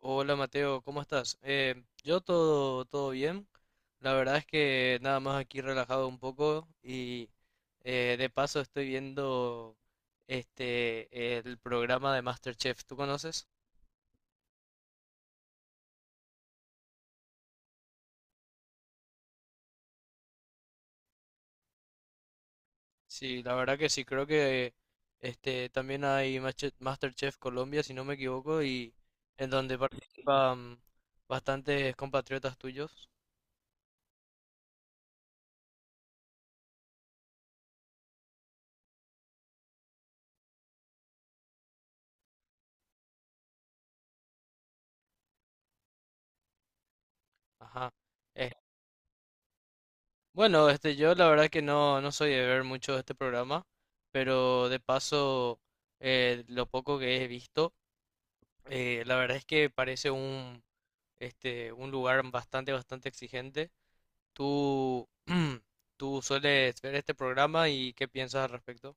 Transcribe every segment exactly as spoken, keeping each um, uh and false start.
Hola Mateo, ¿cómo estás? Eh, yo todo, todo bien. La verdad es que nada más aquí relajado un poco y eh, de paso estoy viendo este el programa de MasterChef. ¿Tú conoces? Sí, la verdad que sí, creo que este también hay Mache- MasterChef Colombia, si no me equivoco, y en donde participan bastantes compatriotas tuyos. Ajá. Bueno, este, yo la verdad que no, no soy de ver mucho este programa, pero de paso, eh, lo poco que he visto, eh, la verdad es que parece un, este, un lugar bastante, bastante exigente. ¿Tú, tú sueles ver este programa y qué piensas al respecto?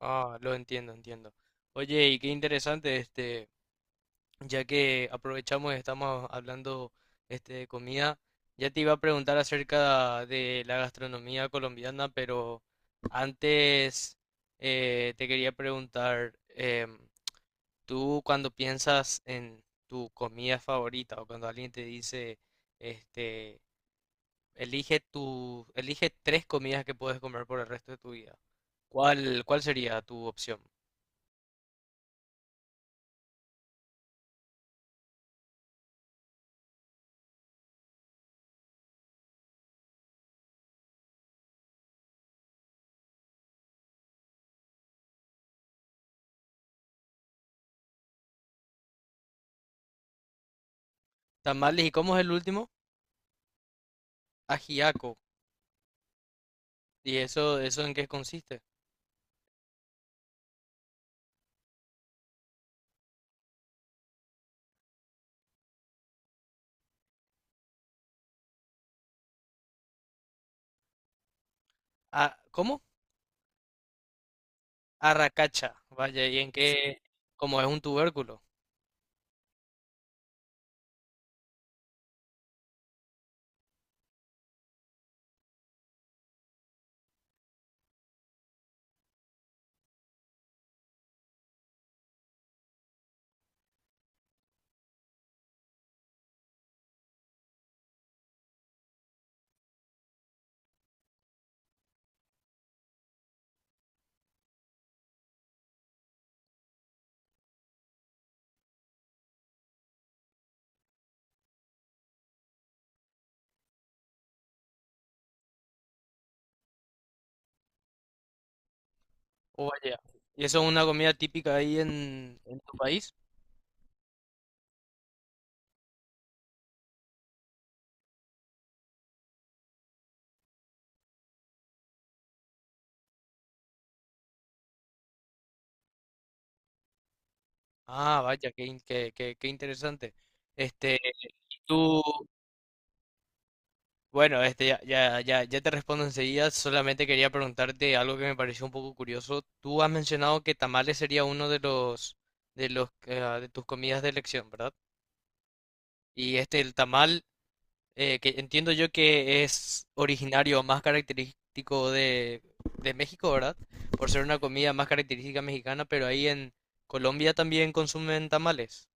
Ah, lo entiendo, entiendo. Oye, y qué interesante, este, ya que aprovechamos y estamos hablando este, de comida, ya te iba a preguntar acerca de la gastronomía colombiana, pero antes eh, te quería preguntar, em, tú cuando piensas en tu comida favorita o cuando alguien te dice, este, elige tu, elige tres comidas que puedes comer por el resto de tu vida, ¿cuál, ¿cuál sería tu opción? Tamales, ¿y cómo es el último? Ajiaco. ¿Y eso, eso en qué consiste? Ah, ¿cómo? Arracacha, vaya, ¿y en sí, qué? Como es un tubérculo. Oh, vaya. ¿Y eso es una comida típica ahí en, en tu país? Ah, vaya, qué, in- qué, qué, qué interesante. Este, tú, bueno, este, ya, ya, ya, ya te respondo enseguida, solamente quería preguntarte algo que me pareció un poco curioso. Tú has mencionado que tamales sería uno de los, de los, eh, de tus comidas de elección, ¿verdad? Y este, el tamal eh, que entiendo yo que es originario más característico de, de México, ¿verdad? Por ser una comida más característica mexicana, pero ahí en Colombia también consumen tamales.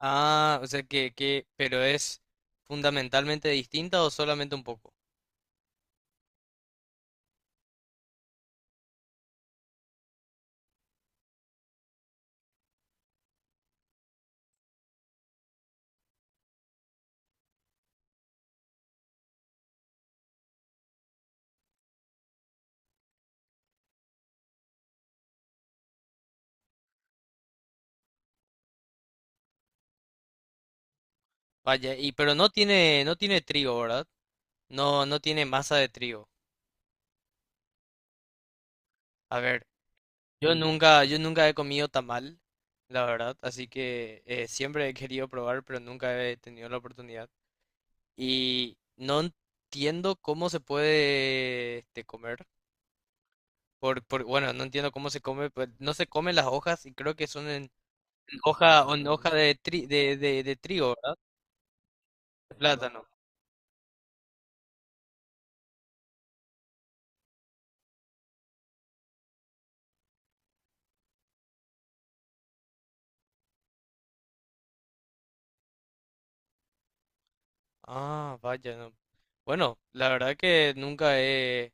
Ah, o sea que, que, pero es fundamentalmente distinta o solamente un poco. Vaya, y pero no tiene, no tiene trigo, ¿verdad? No, no tiene masa de trigo. A ver, yo nunca, yo nunca he comido tamal, la verdad, así que eh, siempre he querido probar, pero nunca he tenido la oportunidad. Y no entiendo cómo se puede este, comer. Por, por, bueno, no entiendo cómo se come, pues. No se comen las hojas y creo que son en hoja, en hoja de, tri- de, de, de trigo, ¿verdad? De plátano. Ah, vaya, no. Bueno, la verdad que nunca he,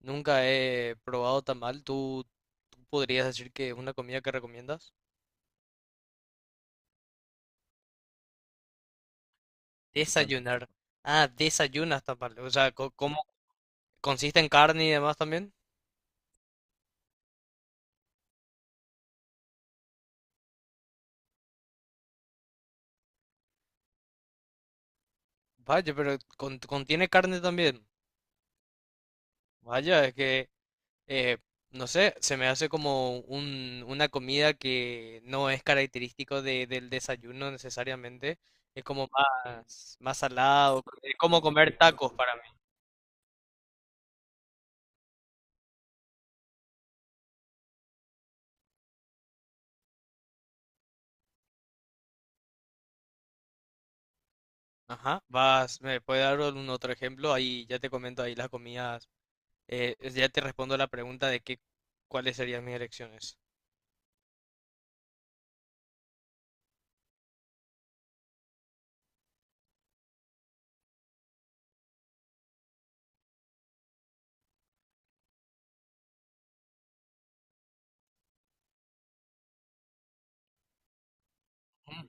nunca he probado tamal. ¿Tú, ¿tú podrías decir que es una comida que recomiendas? Desayunar. Ah, desayunas tamal. O sea, co- ¿cómo consiste en carne y demás también? Vaya, pero con- contiene carne también. Vaya, es que, eh, no sé, se me hace como un, una comida que no es característico de- del desayuno necesariamente. Es como más, más salado. Es como comer tacos para mí. Ajá. Vas, ¿me puede dar un otro ejemplo? Ahí ya te comento ahí las comidas. eh, ya te respondo la pregunta de qué, cuáles serían mis elecciones. Mm.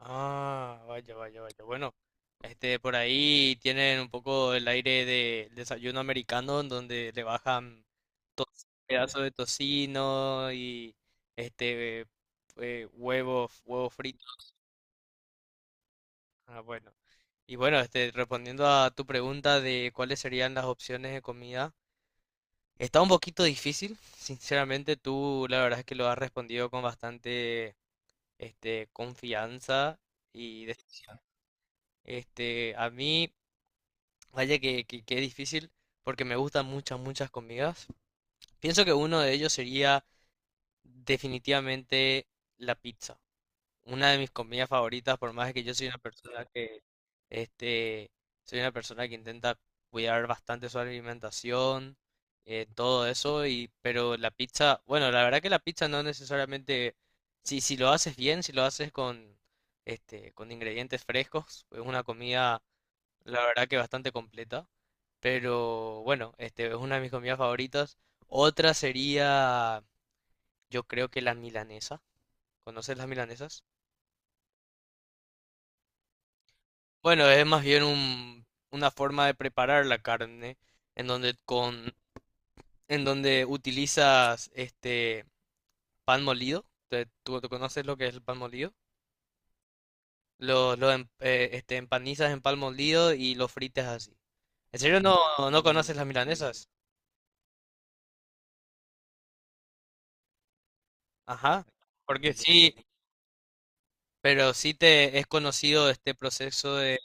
Ah, vaya, vaya, vaya. Bueno, este, por ahí tienen un poco el aire del desayuno americano, en donde le bajan. Pedazo de tocino y este eh, huevos, huevos fritos. Ah, bueno. Y bueno, este, respondiendo a tu pregunta de cuáles serían las opciones de comida, está un poquito difícil. Sinceramente, tú la verdad es que lo has respondido con bastante este, confianza y des- este, a mí, vaya que, que, que es difícil porque me gustan muchas, muchas comidas. Pienso que uno de ellos sería definitivamente la pizza. Una de mis comidas favoritas, por más que yo soy una persona que, este, soy una persona que intenta cuidar bastante su alimentación, eh, todo eso, y, pero la pizza, bueno, la verdad que la pizza no necesariamente, si, si lo haces bien, si lo haces con, este, con ingredientes frescos, es una comida, la verdad que bastante completa, pero bueno, este, es una de mis comidas favoritas. Otra sería, yo creo que la milanesa. ¿Conoces las milanesas? Bueno, es más bien un- una forma de preparar la carne en donde con en donde utilizas este pan molido. Te- ¿Tú, ¿tú conoces lo que es el pan molido? Lo, lo em- eh, este, empanizas en pan molido y lo fritas así. ¿En serio no, no conoces las milanesas? Ajá. Porque sí, pero sí te es conocido este proceso de...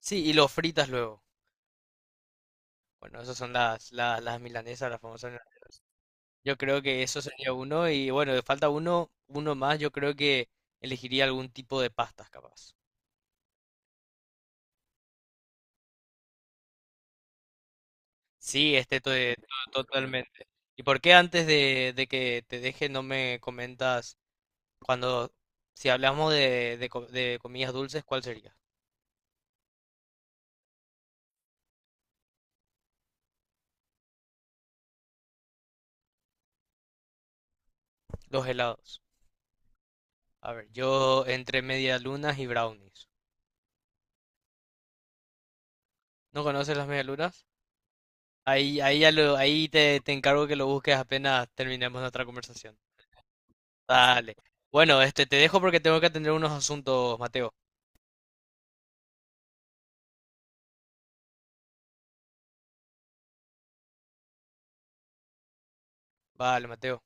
Sí, y lo fritas luego. Bueno, esas son las, las, las milanesas, las famosas. Yo creo que eso sería uno y bueno, de falta uno, uno más, yo creo que elegiría algún tipo de pastas capaz. Sí, este to- eh, to- totalmente. ¿Y por qué antes de, de que te deje no me comentas cuando, si hablamos de, de, co- de comidas dulces, ¿cuál sería? Los helados. A ver, yo entre medialunas y brownies. ¿No conoces las medialunas? Ahí, ahí ya lo, ahí te, te encargo que lo busques apenas terminemos nuestra conversación. Dale. Bueno, este, te dejo porque tengo que atender unos asuntos, Mateo. Vale, Mateo.